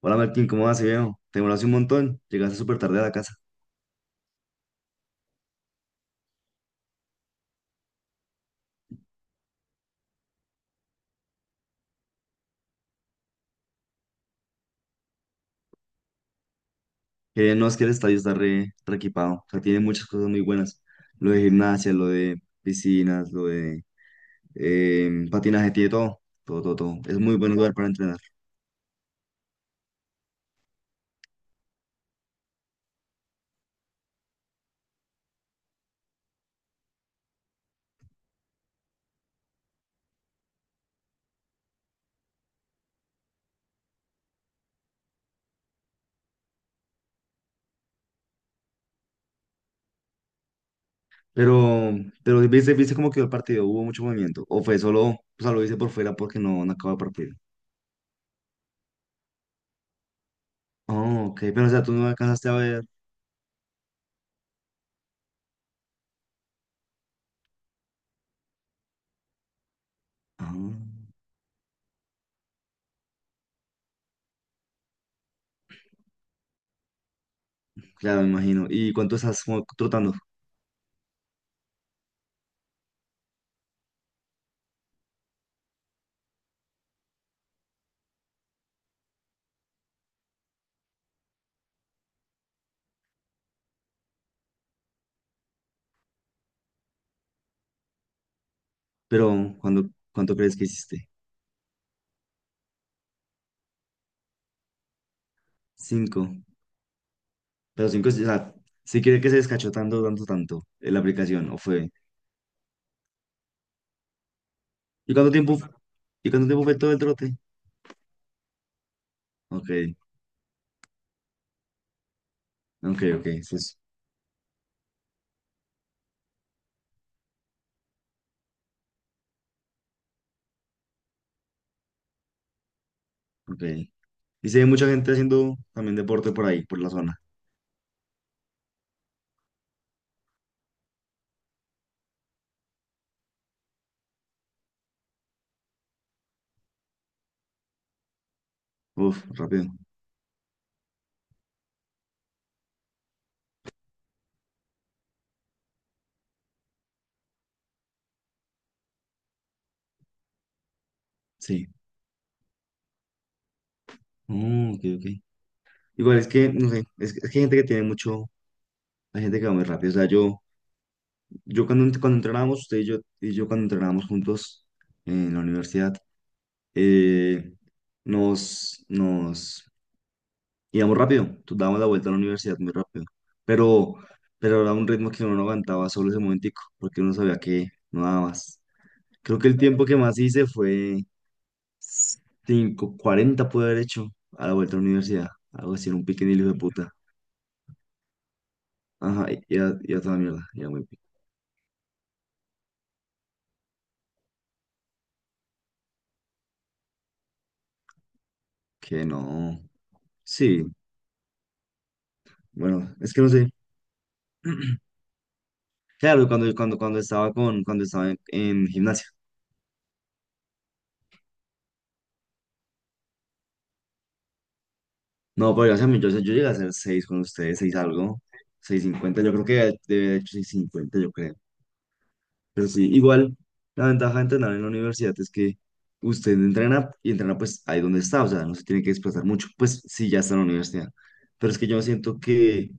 Hola Martín, ¿cómo vas, viejo? Te demoraste un montón, llegaste súper tarde a la casa. No, es que el estadio está re equipado, o sea, tiene muchas cosas muy buenas. Lo de gimnasia, lo de piscinas, lo de patinaje, tiene todo, todo, todo, todo. Es muy buen lugar para entrenar. Pero, pero, ¿viste cómo quedó el partido? ¿Hubo mucho movimiento? ¿O fue solo, o sea, lo hice por fuera porque no acabó el partido? Oh, ok, pero o sea, tú no alcanzaste a ver. Ah, claro, me imagino. ¿Y cuánto estás como trotando? Pero, ¿cuánto crees que hiciste? Cinco. Pero cinco, o sea, sí cree que se descachó tanto, tanto, tanto la aplicación, ¿o fue? ¿Y cuánto tiempo, y cuánto tiempo fue todo el trote? Ok, ok, ok, eso es, ok. Y se ve mucha gente haciendo también deporte por ahí, por la zona. Uf, rápido, sí. Mm, ok, ok. Igual es que, no sé, es que hay gente que tiene mucho, hay gente que va muy rápido. O sea, yo cuando entrenábamos, usted y yo cuando entrenábamos juntos en la universidad, eh, nos íbamos rápido, tú dábamos la vuelta a la universidad muy rápido, pero, pero era un ritmo que uno no aguantaba solo ese momentico, porque uno sabía que no daba más. Creo que el tiempo que más hice fue cinco, cuarenta pude haber hecho a la vuelta a la universidad, algo así, era un pique hijo de puta. Ajá, y era toda mierda. Que no, sí, bueno, es que no sé. Claro, cuando estaba en gimnasia. No, pero dígame, yo llegué a hacer 6 con ustedes, 6 algo, seis cincuenta yo creo que debe haber hecho seis cincuenta yo creo. Pero sí, igual, la ventaja de entrenar en la universidad es que usted entrena y entrena pues ahí donde está, o sea, no se tiene que desplazar mucho, pues sí, ya está en la universidad. Pero es que yo siento que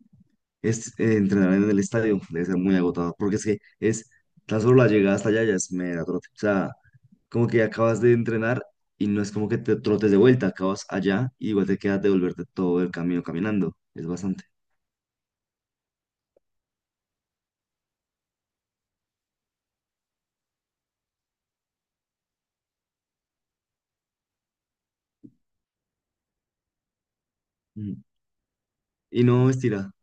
entrenar en el estadio debe ser muy agotador, porque es que es tan solo la llegada hasta allá ya es mera trote. O sea, como que acabas de entrenar y no es como que te trotes de vuelta, acabas allá y igual te quedas de volverte todo el camino caminando. Es bastante. Mm. Y no estira,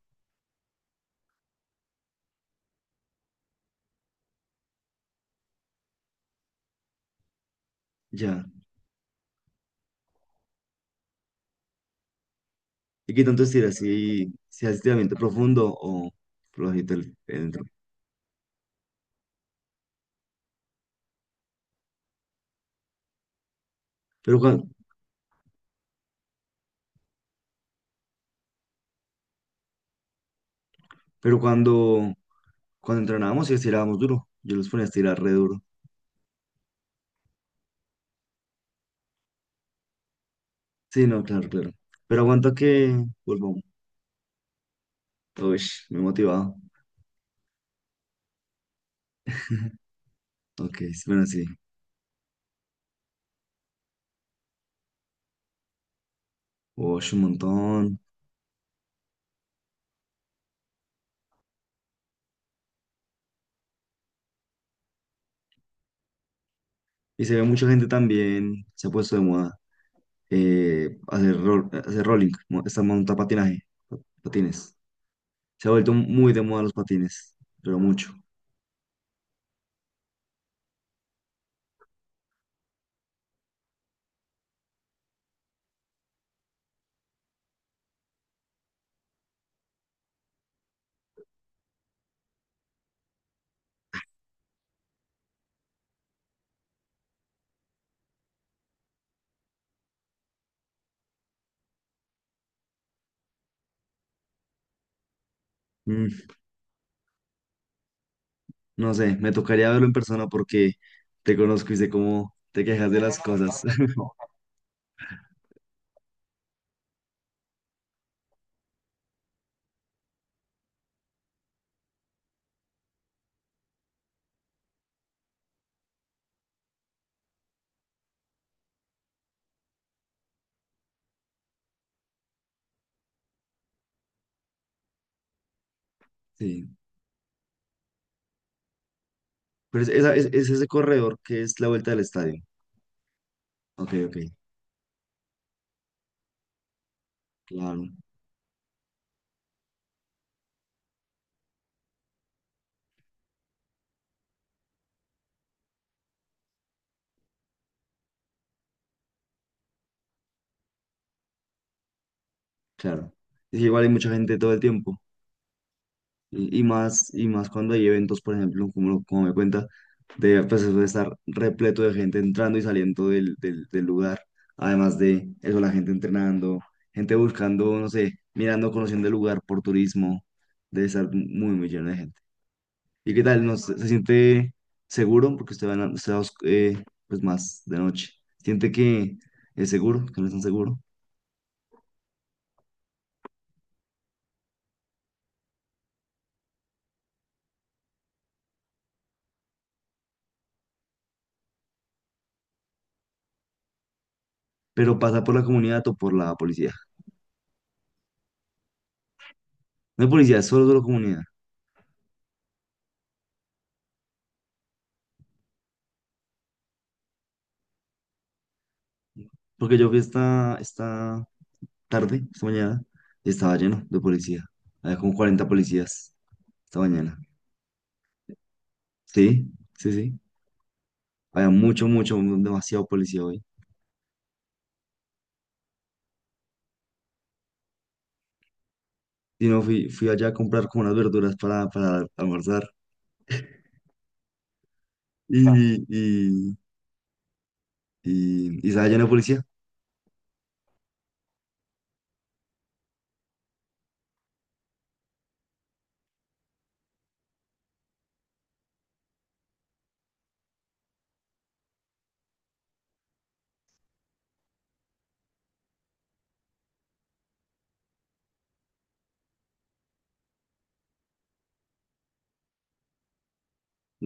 ya. ¿Y qué tanto estira? Si haces estiramiento profundo o flojito el entro. Pero, cuan- pero cuando entrenábamos y estirábamos duro, yo los ponía a estirar re duro. Sí, no, claro, claro. Pero aguanta que vuelvo. Uy, me he motivado. Ok, bueno, sí. Uy, un montón. Y se ve mucha gente también. Se ha puesto de moda, hacer rolling, esta monta patinaje, patines. Se ha vuelto muy de moda los patines, pero mucho. Mm, no sé, me tocaría verlo en persona porque te conozco y sé cómo te quejas de las cosas. Sí, pero es ese corredor que es la vuelta del estadio. Ok, ok, claro, claro. Es que igual hay mucha gente todo el tiempo. Y más, y más cuando hay eventos, por ejemplo, como me cuenta, pues eso de estar repleto de gente entrando y saliendo del lugar. Además de eso, la gente entrenando, gente buscando, no sé, mirando, conociendo el lugar por turismo. Debe estar muy, muy lleno de gente. ¿Y qué tal? ¿No se siente seguro? Porque usted va, en la- usted va os- pues más de noche. ¿Siente que es seguro? ¿Que no es tan seguro? Pero pasa por la comunidad o por la policía. No hay policía, es solo, solo comunidad. Porque yo vi esta mañana, y estaba lleno de policía. Había como 40 policías esta mañana. Sí, sí, sí. Había mucho, mucho, demasiado policía hoy. Y no, fui allá a comprar como unas verduras para almorzar. Y, y, y estaba lleno de policía.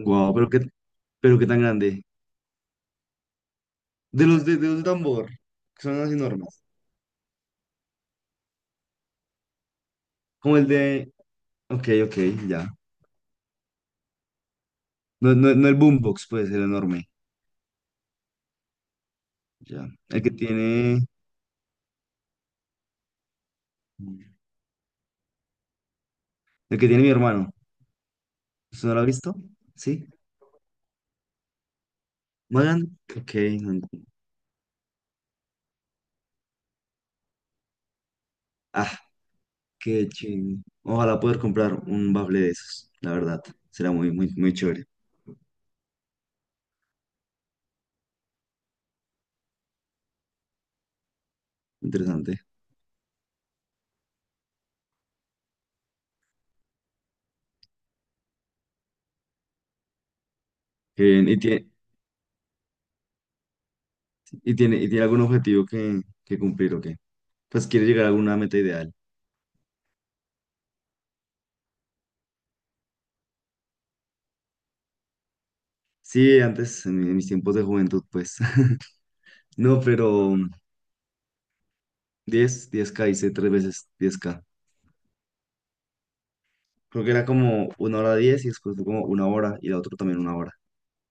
Guau, pero qué tan grande. De los de tambor, que son las enormes. Como el de. Ok, ok, ya. No, no, no el boombox, pues, el enorme. Ya. El que tiene. El que tiene mi hermano. ¿Usted no lo ha visto? ¿Sí? Magan, ok, no encu- Ah, qué ching. Ojalá poder comprar un bafle de esos, la verdad. Será muy, muy, muy chévere. Interesante. Qué bien. ¿Y tiene algún objetivo que cumplir o qué? Pues quiere llegar a alguna meta ideal. Sí, antes, en mis tiempos de juventud, pues. No, pero diez k hice tres veces 10K. Creo que era como una hora 10 y después fue como una hora y la otra también una hora.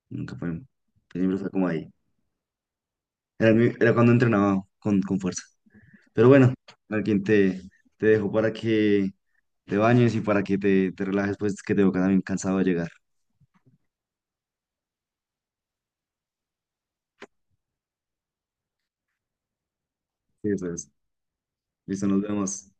Nunca fue. Siempre fue como ahí. Era cuando entrenaba con fuerza. Pero bueno, alguien te dejo para que te bañes y para que te relajes, pues que te veo también cansado de llegar. Sí, eso. Listo, nos vemos.